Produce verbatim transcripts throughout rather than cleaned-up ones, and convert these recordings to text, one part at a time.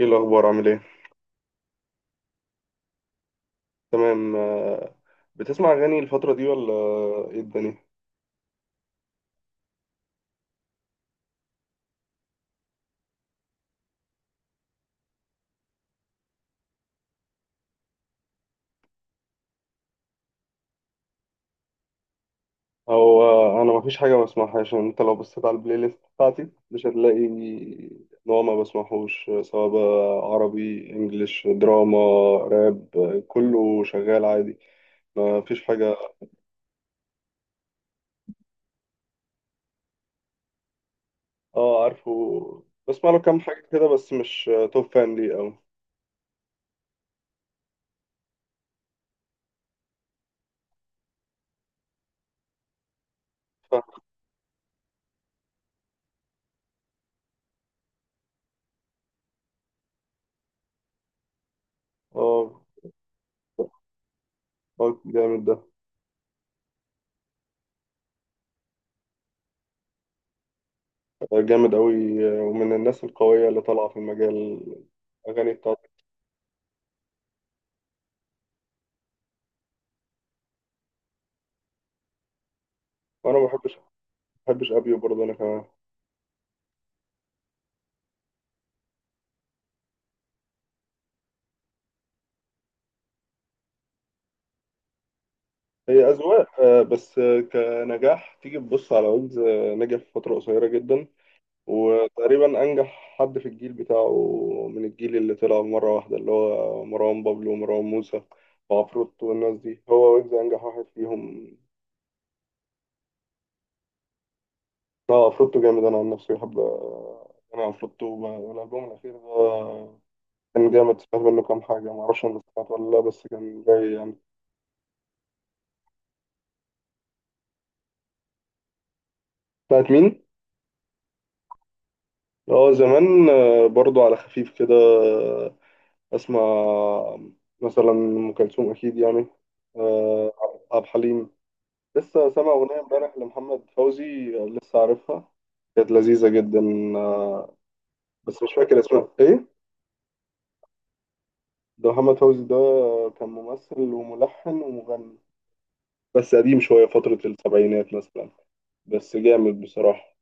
ايه الاخبار؟ عامل ايه؟ تمام آه، بتسمع اغاني الفتره دي ولا؟ ايه الدنيا؟ هو آه، انا مفيش حاجه ما بسمعهاش يعني، انت لو بصيت على البلاي ليست بتاعتي مش هتلاقي نوع ما بسمعهوش، سواء بقى عربي انجليش دراما راب، آه، كله شغال عادي، مفيش حاجه. اه عارفه، بسمع له كام حاجه كده بس مش آه، توب فان ليه أوي. فاهم. اه، آه، جامد ده. آه، جامد قوي، ومن الناس القويه اللي طالعه في المجال، الاغاني. وانا ما بحبش، ما بحبش ابيو برضه انا كمان. هي اذواق، آه، بس آه، كنجاح تيجي تبص على ويجز، آه، نجح في فتره قصيره جدا، وتقريبا انجح حد في الجيل بتاعه، من الجيل اللي طلع مره واحده اللي هو مروان بابلو ومروان موسى وعفروتو والناس دي، هو ويجز انجح واحد فيهم. ده عفروتو جامد، انا عن نفسي بحب، آه، انا عفروتو ب- والالبوم الاخير ده كان جامد، سمعت منه كام حاجه، ما اعرفش انا سمعت ولا لا، بس كان جاي يعني. بتاعت مين؟ اه زمان، آه، برضو على خفيف كده، آه، اسمع، آه، مثلا ام كلثوم اكيد يعني، آه، عبد الحليم. لسه سامع اغنيه امبارح لمحمد فوزي، آه، لسه عارفها، كانت لذيذه جدا، آه، بس مش فاكر اسمها ايه. ده محمد فوزي ده كان ممثل وملحن ومغني، بس قديم شويه، فتره السبعينات مثلا، بس جامد بصراحه.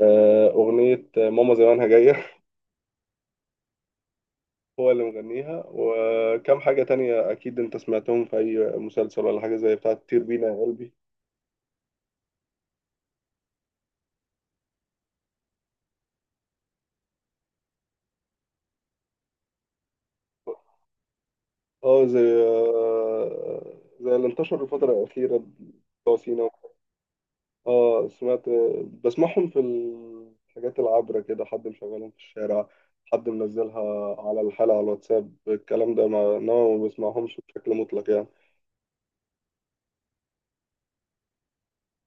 آه، اغنيه ماما زمانها جايه، هو اللي مغنيها، وكم حاجة تانية أكيد أنت سمعتهم في أي مسلسل ولا حاجة، زي بتاعة طير بينا يا قلبي. اه، زي آه، زي اللي انتشر الفترة الأخيرة بتوع سينا. اه سمعت، بسمعهم في الحاجات العابرة كده، حد مشغلهم في الشارع، حد منزلها على الحالة على الواتساب الكلام ده، ما إنما ما بسمعهمش بشكل مطلق يعني.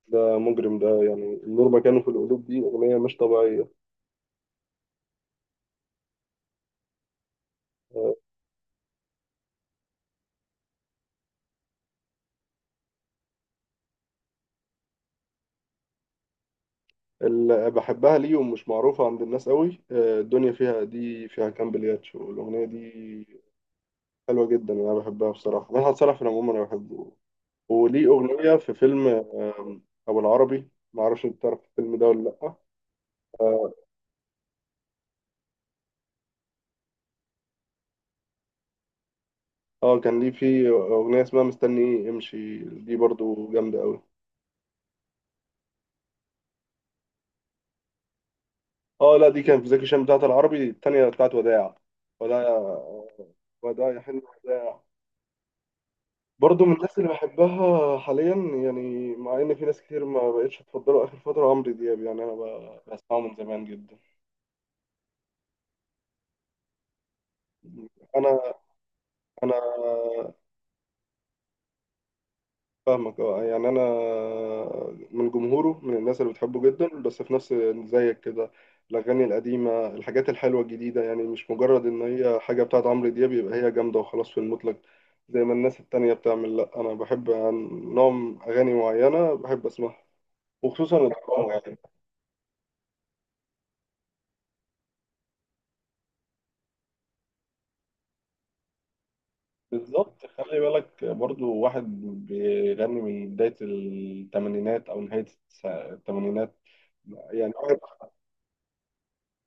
ده مجرم ده، يعني النور مكانه في القلوب دي أغنية مش طبيعية. آه، اللي بحبها ليهم مش معروفة عند الناس قوي، آه، الدنيا فيها، دي فيها كام بلياتشو، الأغنية دي حلوة جدا، أنا بحبها بصراحة. مدحت صالح في العموم أنا بحبه، وليه أغنية في فيلم آم، أبو العربي، معرفش أنت تعرف الفيلم ده ولا لأ. اه، آه، كان ليه في أغنية اسمها مستني إيه امشي، دي برضو جامدة قوي. اه لا، دي كان في زكي شان، بتاعت العربي التانية بتاعت وداع، وداع، وداع يا حلو وداع. برضو من الناس اللي بحبها حاليا، يعني مع ان في ناس كتير ما بقتش تفضله اخر فتره عمرو دياب، يعني انا ب- بسمعه من زمان جدا. انا، انا فاهمك، اه يعني انا من جمهوره، من الناس اللي بتحبه جدا، بس في نفس، زيك كده، الاغاني القديمه الحاجات الحلوه الجديده، يعني مش مجرد ان هي حاجه بتاعت عمرو دياب يبقى هي جامده وخلاص في المطلق، زي ما الناس التانية بتعمل. لا انا بحب عن- نوع اغاني معينه بحب اسمعها، وخصوصا الدراما. بالظبط، خلي بالك برضو، واحد بيغني من بداية الثمانينات أو نهاية الس- الثمانينات، يعني واحد،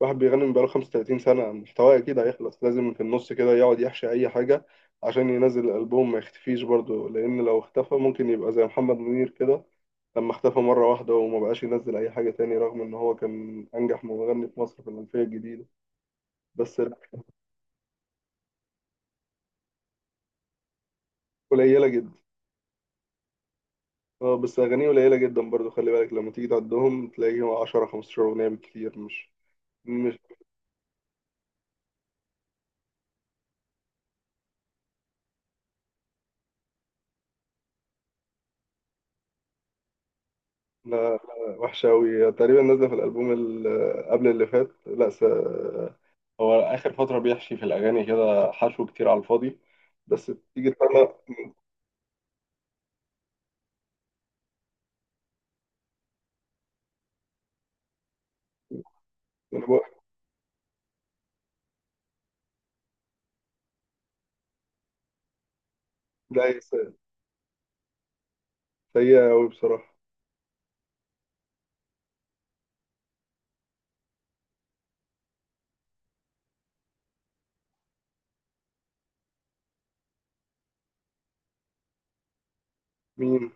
واحد بيغني من بقاله خمس وثلاثين سنة، محتواه أكيد هيخلص، لازم في النص كده يقعد يحشي أي حاجة عشان ينزل الألبوم ما يختفيش برضو، لأن لو اختفى ممكن يبقى زي محمد منير كده لما اختفى مرة واحدة وما بقاش ينزل أي حاجة تاني، رغم إن هو كان أنجح مغني في مصر في الألفية الجديدة. بس، قليلة جدا. اه، بس اغانيه قليله جدا برضو، خلي بالك لما تيجي تعدهم تلاقيهم عشرة خمسة عشر اغنيه بالكتير، مش مش. لا لا، وحشه قوي، تقريبا نازله في الالبوم اللي قبل اللي فات، لا س... هو اخر فتره بيحشي في الاغاني كده حشو كتير على الفاضي، بس تيجي تسمع. من هو- لا س- سيئه قوي بصراحه. مين؟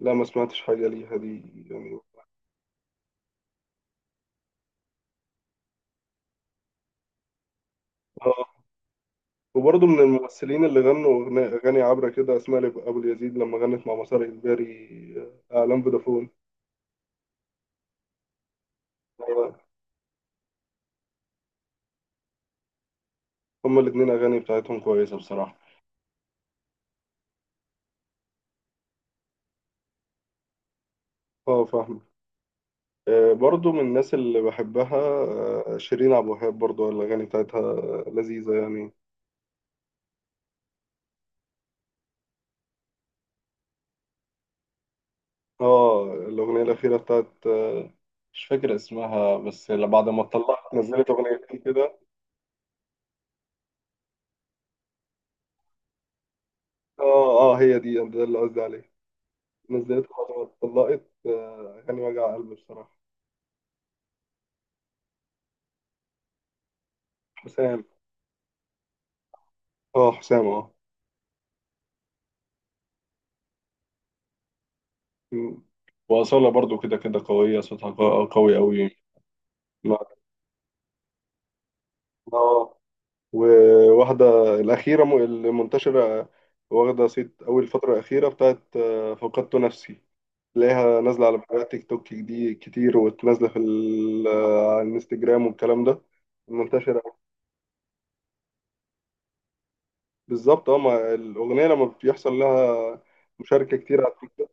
لا ما سمعتش حاجه ليها دي يعني. اه، وبرضه من الممثلين اللي غنوا أغنا- اغاني عبره كده، اسماء ابو اليزيد لما غنت مع مسار اجباري، آه، اعلان فودافون. هما الاتنين أغاني بتاعتهم كويسة بصراحة. اه فاهم، آه، برضو من الناس اللي بحبها، آه، شيرين عبد الوهاب، برضو الأغاني بتاعتها لذيذة يعني. اه، الأغنية الأخيرة بتاعت، آه، مش فاكر اسمها، بس اللي بعد ما اتطلقت نزلت أغنيتين كده. اه اه، هي دي، ده اللي قصدي عليه، نزلت بعد ما اتطلقت، آه، أغاني وجع قلب بصراحة. حسام، اه حسام اه. م. وأصالة برضو كده كده قوية، صوتها قو- قوي أوي. ما- اه، وواحدة الأخيرة م- المنتشرة، واخدة صيت أول فترة الأخيرة بتاعت، آه، فقدت نفسي، تلاقيها نازلة على فيديوهات تيك توك دي كتير، وتنازلة في ال- آه، على الانستجرام والكلام ده، منتشرة. بالظبط اه، ما الأغنية لما بيحصل لها مشاركة كتير على التيك توك.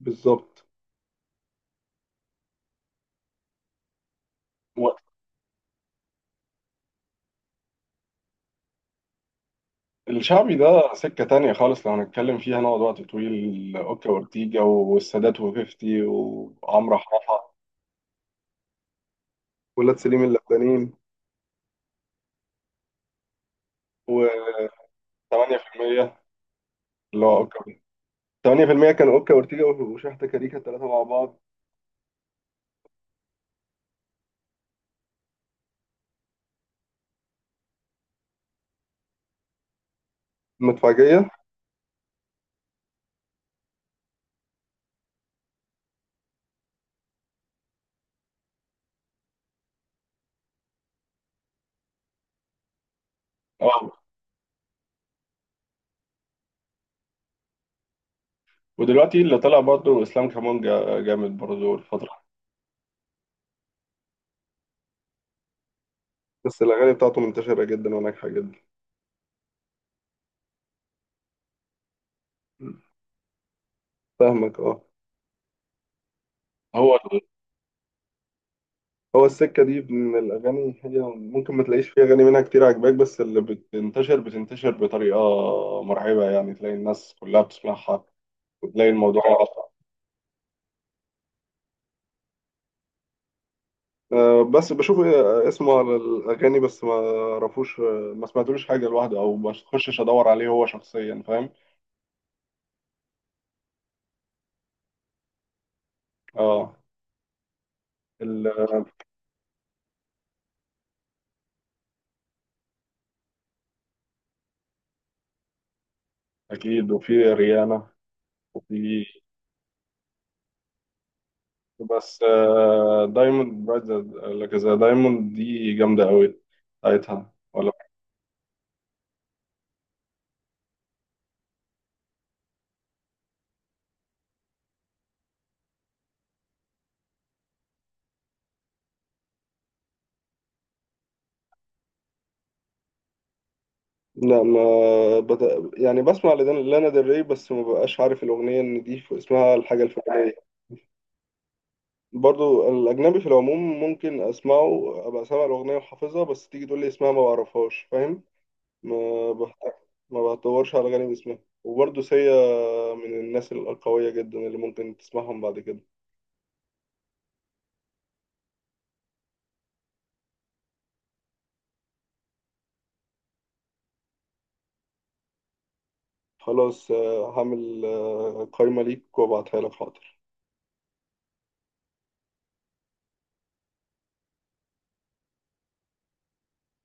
بالظبط. و- الشعبي ده سكة تانية خالص، لو هنتكلم فيها نقعد وقت طويل. أوكا وأورتيجا والسادات وفيفتي وعمرو حاحة، ولاد سليم اللبنانيين، و8% اللي هو اوكا. تمانية بالمية كان اوكا اورتيجا وشحتة كاريكا، الثلاثه مع بعض. مدفعجيه، اه. ودلوقتي اللي طلع برضه اسلام كمان جا- جامد برضه الفترة، بس الاغاني بتاعته منتشره جدا وناجحه جدا. فاهمك اه. هو ال- هو السكه دي من الاغاني، هي ممكن ما تلاقيش فيها اغاني منها كتير عجباك، بس اللي بتنتشر بتنتشر بطريقه مرعبه، يعني تلاقي الناس كلها بتسمعها وتلاقي الموضوع. آه، بس بشوف آه، اسمه على الأغاني، بس ما اعرفوش، آه، ما سمعتلوش حاجة لوحده، أو ما تخشش أدور عليه هو شخصيا، فاهم. اه، ال- أكيد، وفي ريانا، وفي، بس آه، دايموند برايت، لك زي دايموند دي جامدة أوي، بتاعتها ولا؟ لا ما بت... يعني بسمع لدان- لانا ديل ري، بس ما ببقاش عارف الأغنية إن دي ف- اسمها الحاجة الفلانية. برضو الأجنبي في العموم ممكن أسمعه أبقى سامع الأغنية وحافظها، بس تيجي تقول لي اسمها ما بعرفهاش فاهم. ما بحت... ما بتطورش على جانب اسمها. وبرضو سيا، من الناس القوية جدا اللي ممكن تسمعهم بعد كده. خلاص، آه، هعمل آه، قايمة ليك وأبعتها لك، حاضر.